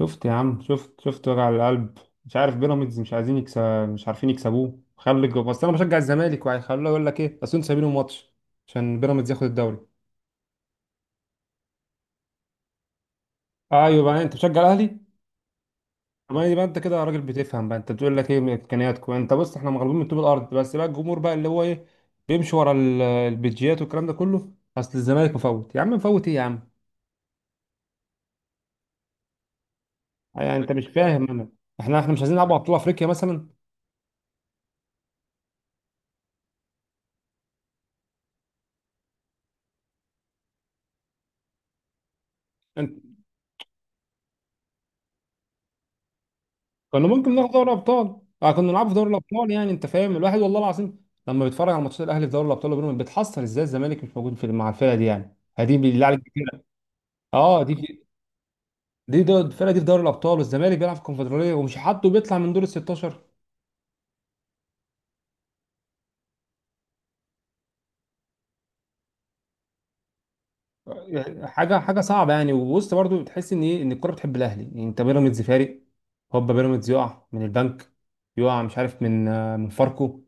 شفت يا عم، شفت وجع القلب. مش عارف بيراميدز مش عايزين يكسب، مش عارفين يكسبوه. بس انا بشجع الزمالك وهيخلوه، يقول لك ايه بس انتوا سايبينه ماتش عشان بيراميدز ياخد الدوري. ايوه بقى، انت بتشجع الاهلي. ما يبقى انت كده راجل بتفهم بقى، انت بتقول لك ايه من امكانياتكم؟ انت بص، احنا مغلوبين من طوب الارض، بس بقى الجمهور بقى اللي هو ايه، بيمشي ورا البيجيات والكلام ده كله. اصل الزمالك مفوت يا عم، مفوت ايه يا عم؟ يعني انت مش فاهم؟ انا، احنا مش عايزين نلعب على بطوله افريقيا مثلا. كنا ممكن ناخد دوري ابطال، آه، كنا نلعب في دوري الابطال. يعني انت فاهم، الواحد والله العظيم لما بيتفرج على ماتشات الاهلي في دوري الابطال وبيراميدز بيتحسر ازاي الزمالك مش موجود في مع الفرقه دي، يعني هدي بالله عليك كده. اه دي، الفرقه دي في دوري الابطال والزمالك بيلعب في الكونفدراليه ومش حاطه، بيطلع من دور ال 16. آه، حاجه حاجه صعبه يعني، ووسط برضو بتحس ان ايه، ان الكوره بتحب الاهلي. يعني انت بيراميدز فارق، هوبا بيراميدز يقع من البنك، يقع مش عارف من من فاركو.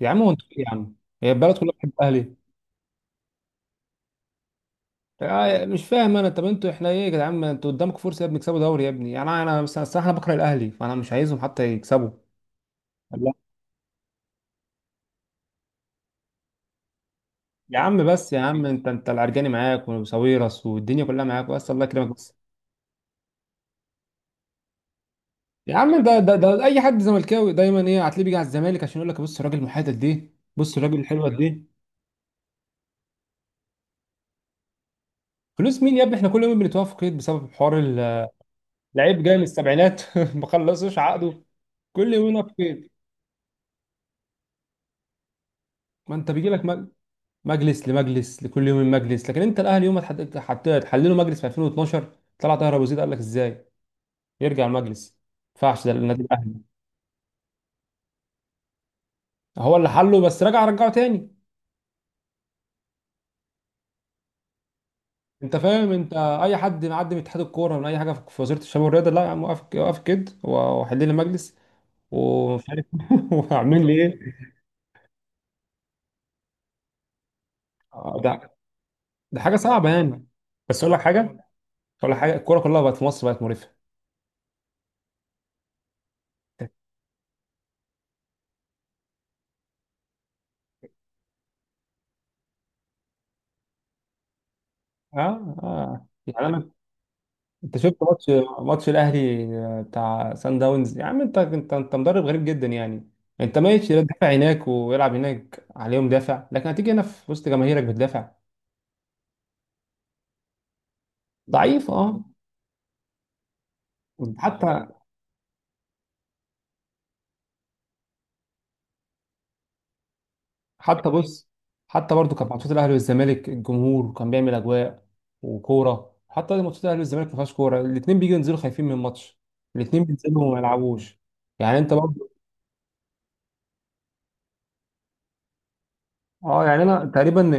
يا عم هو انتوا إيه يا عم؟ هي البلد كلها بتحب الاهلي. مش فاهم انا. طب انتوا احنا ايه يا جدعان؟ ما انتوا قدامكم فرصه يا ابني، تكسبوا دوري يا ابني. يعني انا بس الصراحه انا بكره الاهلي، فانا مش عايزهم حتى يكسبوا. لا. يا عم بس يا عم، انت العرجاني معاك وساويرس والدنيا كلها معاك، بس الله يكرمك بس. يا عم ده اي حد زملكاوي دايما ايه هتلاقيه بيجي على الزمالك عشان يقول لك بص الراجل المحايد دي، بص الراجل الحلوه دي. فلوس مين يا ابني؟ احنا كل يوم بنتوقف في قيد بسبب حوار لعيب جاي من السبعينات ما خلصوش عقده. كل يوم نقف في قيد. ما انت بيجي لك مجلس لمجلس، لكل يوم مجلس، لكن انت الاهلي يوم ما تحلله مجلس في 2012، طلع طاهر ابو زيد قال لك ازاي يرجع المجلس؟ ما ينفعش، ده النادي الاهلي. هو اللي حله بس رجع رجعه تاني. انت فاهم؟ انت اي حد معدي من اتحاد الكوره من اي حاجه في وزاره الشباب والرياضه، لا يا عم، وقف وقف كده وحل لي المجلس ومش عارف وعامل لي ايه. آه، ده حاجه صعبه يعني. بس اقول لك حاجه، اقول لك حاجه، الكوره كلها بقت في مصر بقت مريفه. اه اه، يعني انا، انت شفت ماتش، ماتش الاهلي بتاع سان داونز. يا عم انت مدرب غريب جدا يعني، انت ماشي لا تدافع هناك ويلعب هناك عليهم دافع، لكن هتيجي هنا في وسط جماهيرك بتدافع. ضعيف اه. حتى حتى بص، حتى برضو كان ماتشات الاهلي والزمالك الجمهور كان بيعمل اجواء وكوره. حتى ماتشات الاهلي والزمالك ما فيهاش كوره، الاثنين بيجوا ينزلوا خايفين من الماتش، الاثنين بينزلوا وما يلعبوش. يعني انت برضو، اه، يعني انا تقريبا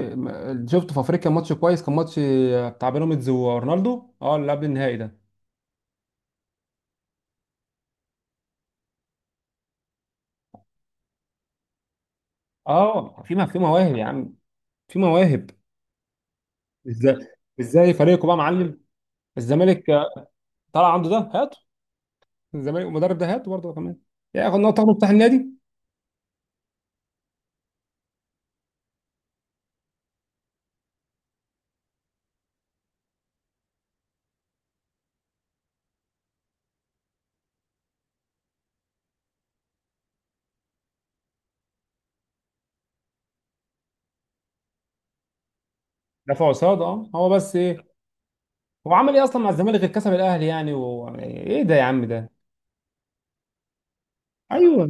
شفت في افريقيا ماتش كويس، كان ماتش بتاع بيراميدز ورونالدو، اه اللي قبل النهائي ده. اه، في مواهب يا عم، في مواهب. ازاي ازاي فريقه بقى معلم. الزمالك طلع عنده ده هاته، الزمالك المدرب ده هاته برضه كمان ياخد نقطه، تاخده بتاع النادي. دفع قصاد اه، هو بس ايه؟ هو عمل ايه اصلا مع الزمالك غير كسب الاهلي؟ يعني يعني ايه ده يا عم ده. ايوه.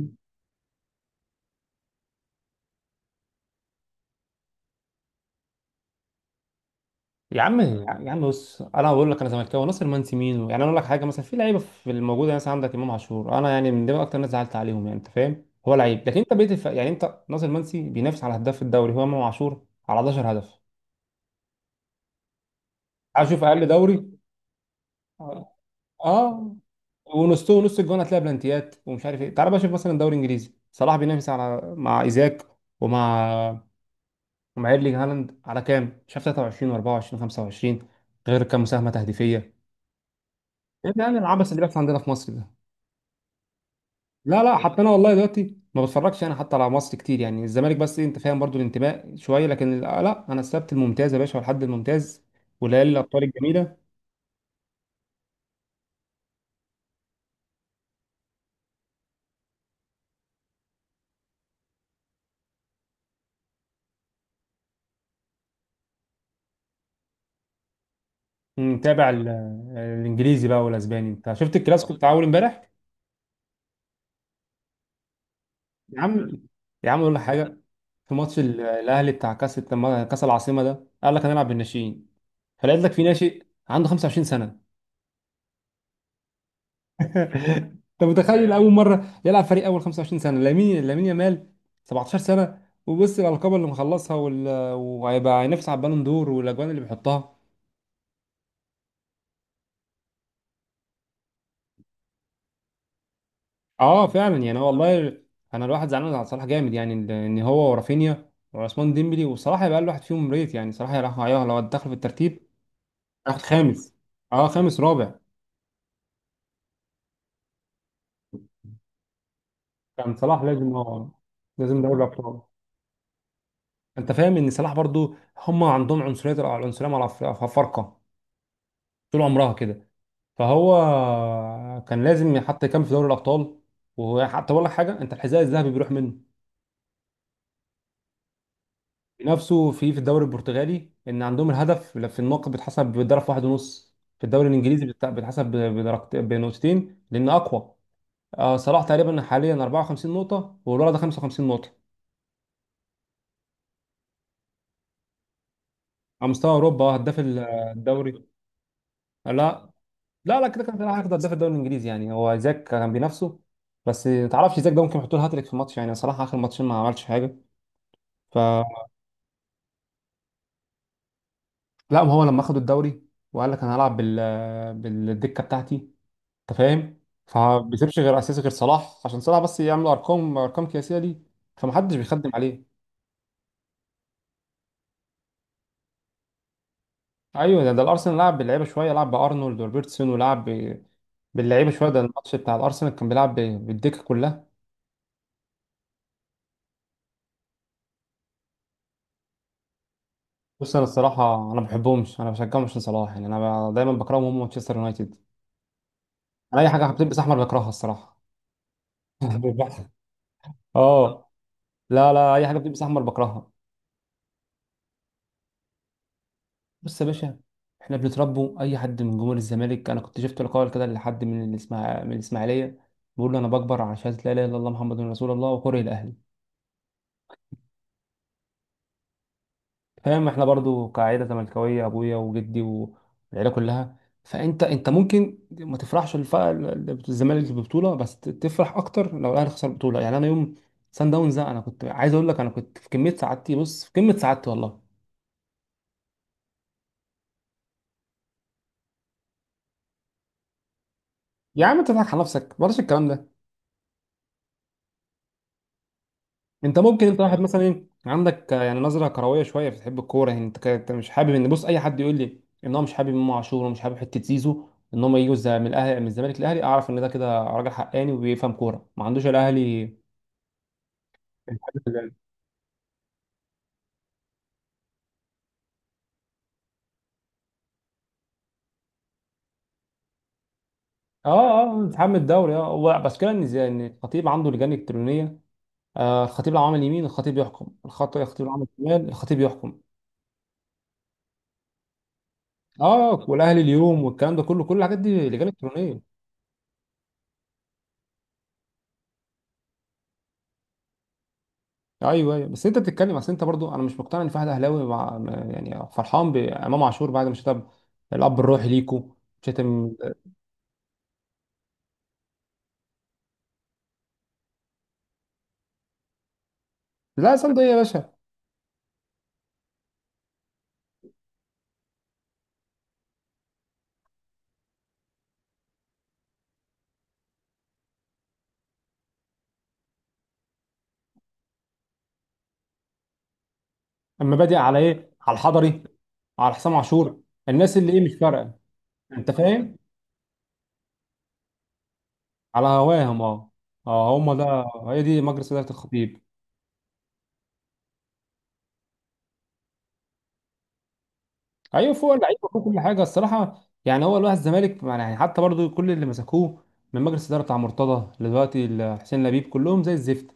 يا عم يا عم، بص انا بقول لك انا زملكاوي، ناصر منسي مين يعني؟ انا اقول لك حاجه مثلا، في لعيبه في الموجوده مثلا عندك امام عاشور، انا يعني من دول اكتر ناس زعلت عليهم، يعني انت فاهم، هو لعيب لكن انت بقيت يعني، انت ناصر منسي بينافس على هداف الدوري، هو امام عاشور على 11 هدف. عايز اشوف اقل دوري. اه. آه. ونصه ونص الجون هتلاقي بلانتيات ومش عارف ايه. تعال بقى شوف مثلا دوري انجليزي، صلاح بينافس على مع ايزاك ومع ومع ايرلينج هالاند على كام؟ مش عارف 23 و24 و25، غير كام مساهمه تهديفيه. ايه ده يعني، العبث اللي بيحصل عندنا في مصر ده. لا لا، حتى انا والله دلوقتي ما بتفرجش انا حتى على مصر كتير، يعني الزمالك بس إيه، انت فاهم، برضو الانتماء شويه، لكن لا، انا السبت الممتاز يا باشا والحد الممتاز وليالي الابطال الجميله. متابع الانجليزي بقى والاسباني، انت شفت الكلاسيكو بتاع اول امبارح؟ يا عم يا عم، اقول لك حاجه، في ماتش الاهلي بتاع كاس، لما كاس العاصمه ده قال لك هنلعب بالناشئين، فلقيت لك في ناشئ عنده 25. انت متخيل؟ اول مره يلعب فريق اول 25 سنه، لامين، لامين يامال 17 سنه، وبص الالقاب اللي مخلصها وهيبقى هينافس على البالون دور والاجوان اللي بيحطها. اه فعلا يعني والله، انا الواحد زعلان على صلاح جامد، يعني ان هو ورافينيا وعثمان ديمبلي، وصلاح هيبقى اقل واحد فيهم، ريت يعني صلاح راح لو دخل في الترتيب. اخد خامس. اه، خامس رابع. كان صلاح لازم، هو لازم دوري الابطال. انت فاهم ان صلاح برضو، هم عندهم عنصريه، العنصريه مع الافارقه طول عمرها كده، فهو كان لازم يحط كام في دوري الابطال. وحتى اقول لك حاجه، انت الحذاء الذهبي بيروح منه بنفسه، في الدوري البرتغالي ان عندهم الهدف في النقط بيتحسب بضرب واحد ونص، في الدوري الانجليزي بنقطتين لان اقوى. آه، صلاح تقريبا حاليا 54 نقطه والولد ده 55 نقطه. على مستوى اوروبا آه، هداف الدوري. لا لا لا، كده كان صلاح هياخد هداف الدوري الانجليزي، يعني هو زاك كان بينافسه، بس ما تعرفش، زاك ده ممكن يحط له هاتريك في ماتش، يعني صلاح اخر ماتشين ما عملش حاجه. ف لا، ما هو لما اخدوا الدوري وقال لك انا هلعب بالدكه بتاعتي. انت فاهم، فما بيسيبش غير اساسي غير صلاح عشان صلاح بس يعمل ارقام قياسيه دي، فمحدش بيخدم عليه. ايوه، ده الارسنال لعب باللعيبه شويه، لعب بارنولد وروبرتسون، ولعب باللعيبه شويه، ده الماتش بتاع الارسنال كان بيلعب بالدكه كلها. بص انا الصراحه انا ما بحبهمش، انا بشجعهم عشان صلاح، يعني انا دايما بكرههم، هم مانشستر يونايتد، انا اي حاجه بتلبس احمر بكرهها الصراحه. اه. لا لا، اي حاجه بتلبس احمر بكرهها. بص يا باشا، احنا بنتربوا، اي حد من جمهور الزمالك، انا كنت شفت لقاء كده لحد من من الاسماعيليه بيقول له انا بكبر على شهاده لا اله الا الله محمد رسول الله وكره الاهلي. فاهم، احنا برضو كعائله زملكاويه، ابويا وجدي والعيله كلها، فانت ممكن ما تفرحش الزمالك في البطوله، بس تفرح اكتر لو الاهلي خسر البطوله. يعني انا يوم سان داونز ده انا كنت عايز اقول لك، انا كنت في كميه سعادتي، بص في كميه سعادتي والله. يا عم انت تضحك على نفسك، بلاش الكلام ده. انت ممكن، انت واحد مثلا ايه عندك يعني نظره كرويه شويه بتحب الكوره، يعني انت انت مش حابب ان، بص اي حد يقول لي ان هو مش حابب امام عاشور ومش حابب حته زيزو، ان هم يجوا من الاهلي من الزمالك للاهلي، اعرف ان ده كده راجل حقاني وبيفهم كوره، ما عندوش الاهلي. الحاجات اللي- اه اه، انسحاب الدوري، اه هو بس كده ان ان الخطيب عنده لجان الكترونيه. آه، الخطيب لو عمل يمين الخطيب يحكم، الخطيب لو عمل شمال الخطيب يحكم. اه، والاهلي اليوم والكلام ده كله، كل الحاجات دي لجان الكترونيه. ايوه ايوه، بس انت بتتكلم، اصل انت برضو، انا مش مقتنع ان في واحد اهلاوي مع، يعني فرحان بامام عاشور بعد ما شتم الاب الروحي ليكو، شتم. لا صندوق ايه يا باشا؟ اما بادئ على ايه، على الحضري، على حسام عاشور، الناس اللي ايه، مش فارقه. انت فاهم، على هواهم اه اه، هم ده، هي دي مجلس اداره الخطيب. ايوه فوق اللعيبه فوق كل حاجه الصراحه، يعني هو الواحد الزمالك يعني حتى برضو كل اللي مسكوه من مجلس اداره بتاع مرتضى لدلوقتي حسين لبيب، كلهم زي الزفت.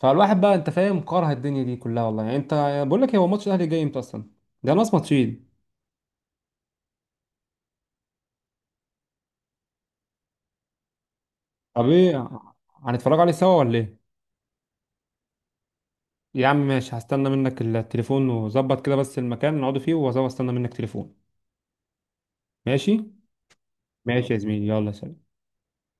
فالواحد بقى انت فاهم، كاره الدنيا دي كلها والله. يعني انت، بقول لك، هو ماتش الاهلي جاي امتى اصلا؟ ده ناقص ماتشين. طب ايه، هنتفرج عليه سوا ولا ايه؟ يا عم ماشي، هستنى منك التليفون وظبط كده بس المكان نقعد فيه، واستنى منك تليفون. ماشي، ماشي يا زميلي، يلا سلام.